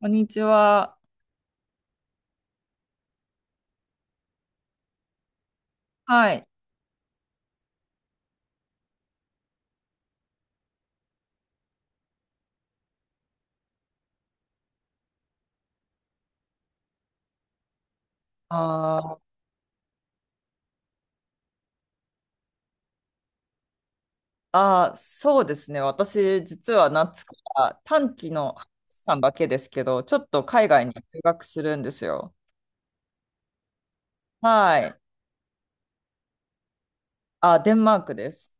こんにちは。はい。あーそうですね。私、実は夏から短期の半年間だけですけど、ちょっと海外に留学するんですよ。はい。あ、デンマークです。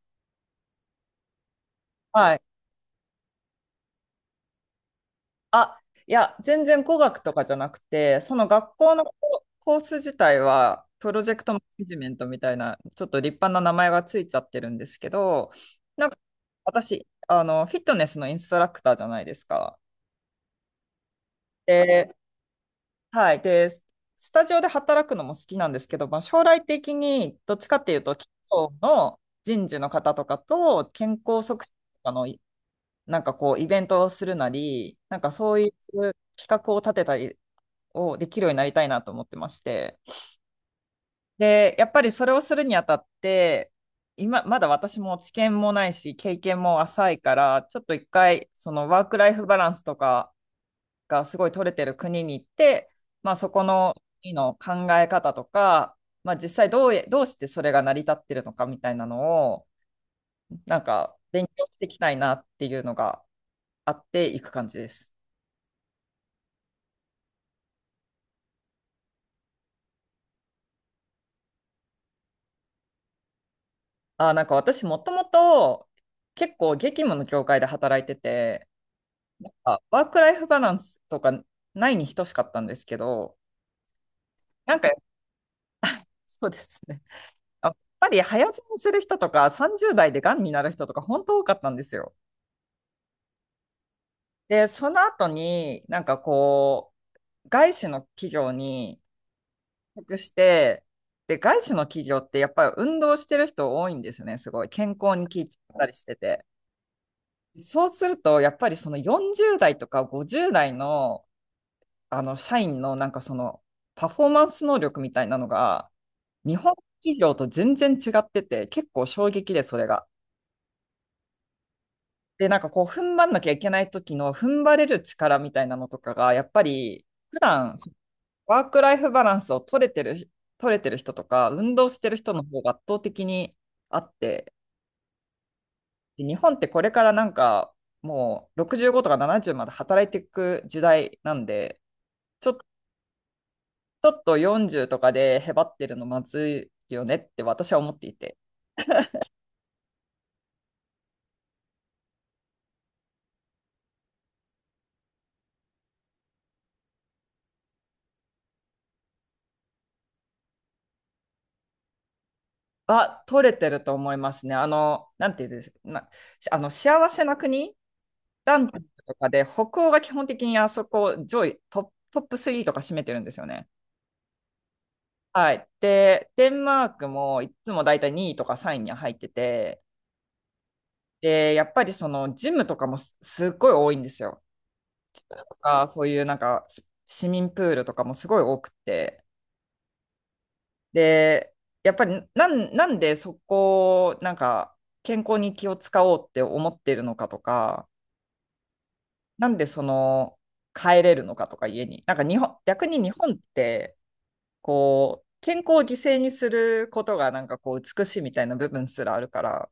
はい。あ、いや、全然語学とかじゃなくて、その学校のコース自体は、プロジェクトマネジメントみたいな、ちょっと立派な名前がついちゃってるんですけど、なんか私、あの、フィットネスのインストラクターじゃないですか。で、はい。で、スタジオで働くのも好きなんですけど、まあ、将来的にどっちかっていうと、企業の人事の方とかと健康促進とかのなんかこう、イベントをするなり、なんかそういう企画を立てたりをできるようになりたいなと思ってまして。で、やっぱりそれをするにあたって、今、まだ私も知見もないし、経験も浅いから、ちょっと一回、そのワークライフバランスとか、がすごい取れてる国に行って、まあ、そこの国の考え方とか、まあ、実際どうしてそれが成り立ってるのかみたいなのを、なんか勉強していきたいなっていうのがあっていく感じです。あ、なんか私もともと結構激務の業界で働いてて、ワークライフバランスとかないに等しかったんですけど、なんかそうですね。やっぱり早死にする人とか30代でがんになる人とか本当多かったんですよ。で、その後に、なんかこう、外資の企業に委託して、で、外資の企業ってやっぱり運動してる人多いんですよね、すごい。健康に気遣ったりしてて。そうすると、やっぱりその40代とか50代の、あの社員のなんかそのパフォーマンス能力みたいなのが、日本企業と全然違ってて、結構衝撃で、それが。で、なんかこう、踏ん張んなきゃいけない時の踏ん張れる力みたいなのとかが、やっぱり、普段ワークライフバランスを取れてる、取れてる人とか、運動してる人の方が圧倒的にあって、で日本ってこれからなんか、もう65とか70まで働いていく時代なんで、ちょっと40とかでへばってるのまずいよねって私は思っていて。あ、取れてると思いますね。あの、なんていうんですな、あの、幸せな国ランキングとかで、北欧が基本的にあそこ上位トップ3とか占めてるんですよね。はい。で、デンマークもいつもだいたい2位とか3位には入ってて、で、やっぱりそのジムとかもすっごい多いんですよ。とか、そういうなんか市民プールとかもすごい多くて。で、やっぱりなんでそこをなんか健康に気を使おうって思ってるのかとか、なんでその帰れるのかとか家に。なんか日本、逆に日本ってこう健康を犠牲にすることがなんかこう美しいみたいな部分すらあるから、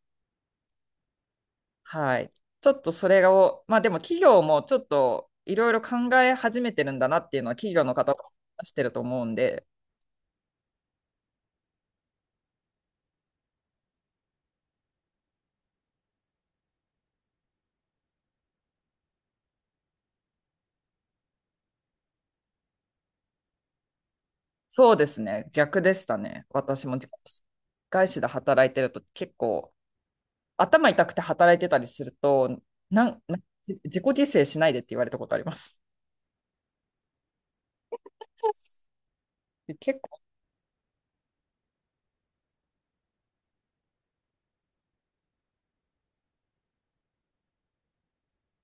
はい。ちょっとそれを、まあでも企業もちょっといろいろ考え始めてるんだなっていうのは企業の方と話してると思うんで、そうですね。逆でしたね。私も外資で働いてると結構頭痛くて働いてたりすると、なん、な自己犠牲しないでって言われたことあります。で結構、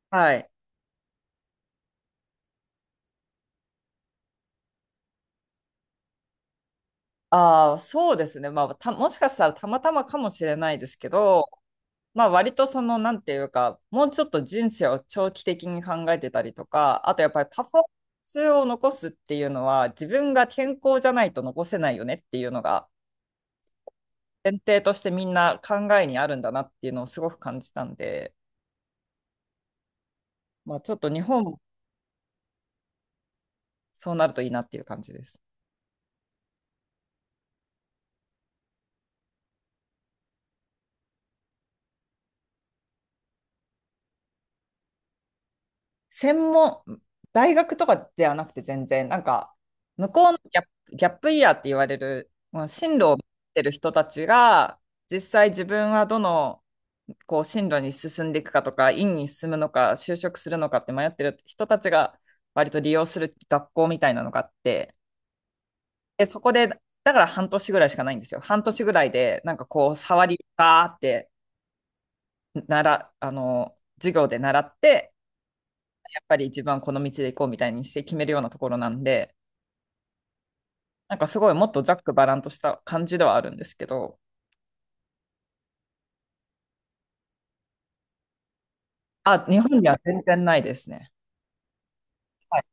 はい。ああ、そうですね。まあた、もしかしたらたまたまかもしれないですけど、まあ割とその、なんていうか、もうちょっと人生を長期的に考えてたりとか、あとやっぱりパフォーマンスを残すっていうのは、自分が健康じゃないと残せないよねっていうのが、前提としてみんな考えにあるんだなっていうのをすごく感じたんで、まあちょっと日本もそうなるといいなっていう感じです。専門、大学とかじゃなくて全然、なんか、向こうのギャップイヤーって言われる、まあ進路を持ってる人たちが、実際自分はどの、こう、進路に進んでいくかとか、院に進むのか、就職するのかって迷ってる人たちが、割と利用する学校みたいなのがあって、で、そこで、だから半年ぐらいしかないんですよ。半年ぐらいで、なんかこう、触り、バーって、なら、あの、授業で習って、やっぱり一番この道で行こうみたいにして決めるようなところなんで、なんかすごいもっとざっくばらんとした感じではあるんですけど、あ、日本には全然ないですね。はい、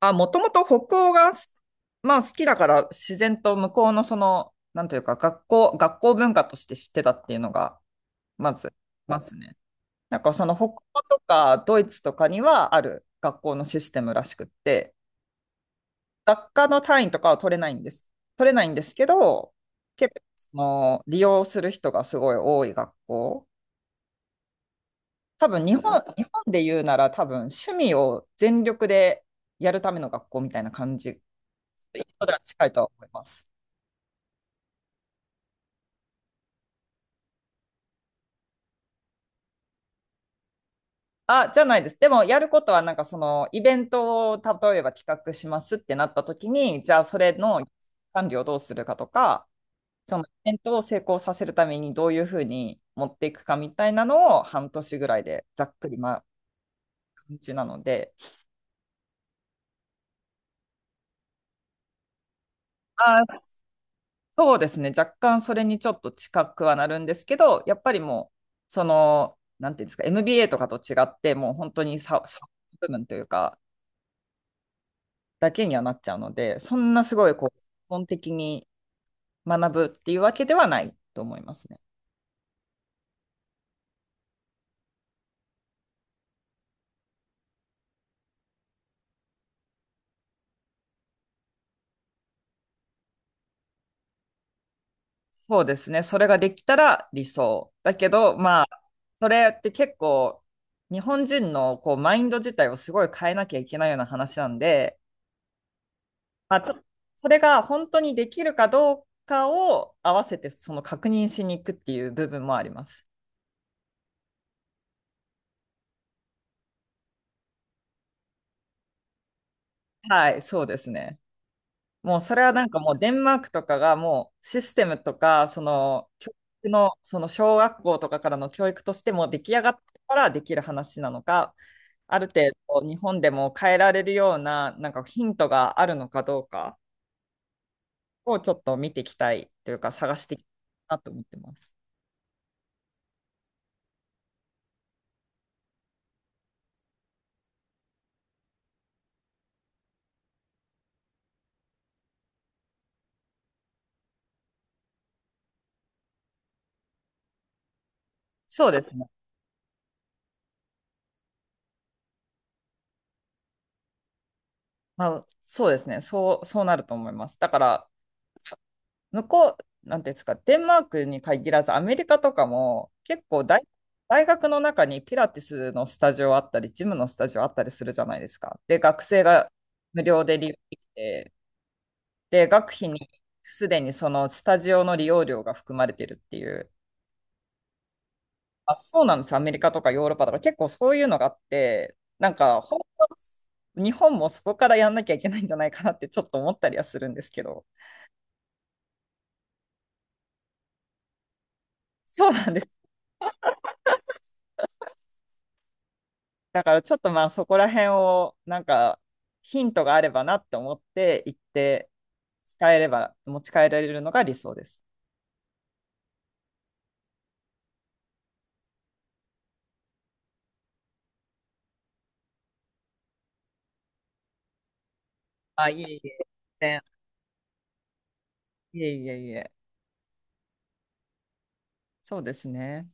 あ、もともと北欧がまあ、好きだから自然と向こうのその、なんというか学校、学校文化として知ってたっていうのがまずますね。なんかその北欧とかドイツとかにはある学校のシステムらしくって、学科の単位とかは取れないんです。取れないんですけど、結構その利用する人がすごい多い学校。多分日本、日本で言うなら多分趣味を全力でやるための学校みたいな感じ。人では近いとは思います。あ、じゃないです。でもやることはなんかそのイベントを例えば企画しますってなった時に、じゃあそれの管理をどうするかとか、そのイベントを成功させるためにどういうふうに持っていくかみたいなのを半年ぐらいでざっくり感じなので、あ、そうですね、若干それにちょっと近くはなるんですけど、やっぱりもう、その、なんていうんですか、MBA とかと違って、もう本当に部分というか、だけにはなっちゃうので、そんなすごいこう、基本的に学ぶっていうわけではないと思いますね。そうですね。それができたら理想。だけど、まあ、それって結構、日本人のこうマインド自体をすごい変えなきゃいけないような話なんで、まあ、ちょっとそれが本当にできるかどうかを合わせて、その確認しに行くっていう部分もあります。はい、そうですね。もうそれはなんかもうデンマークとかがもうシステムとか、その教育の、その小学校とかからの教育としてもう出来上がってからできる話なのか、ある程度日本でも変えられるようななんかヒントがあるのかどうかをちょっと見ていきたいというか探していきたいなと思ってます。そうですね。まあ、そうですね。そう、そうなると思います。だから向こう、なんていうんですか、デンマークに限らず、アメリカとかも結構大学の中にピラティスのスタジオあったり、ジムのスタジオあったりするじゃないですか。で、学生が無料で利用できて、で、学費にすでにそのスタジオの利用料が含まれてるっていう。あ、そうなんです。アメリカとかヨーロッパとか結構そういうのがあって、なんか本当は日本もそこからやんなきゃいけないんじゃないかなってちょっと思ったりはするんですけど。そうなんです。だからちょっとまあそこら辺をなんかヒントがあればなって思って行って持ち帰れば、持ち帰られるのが理想です。あ、いえいえ。全然いえいえいえ。そうですね。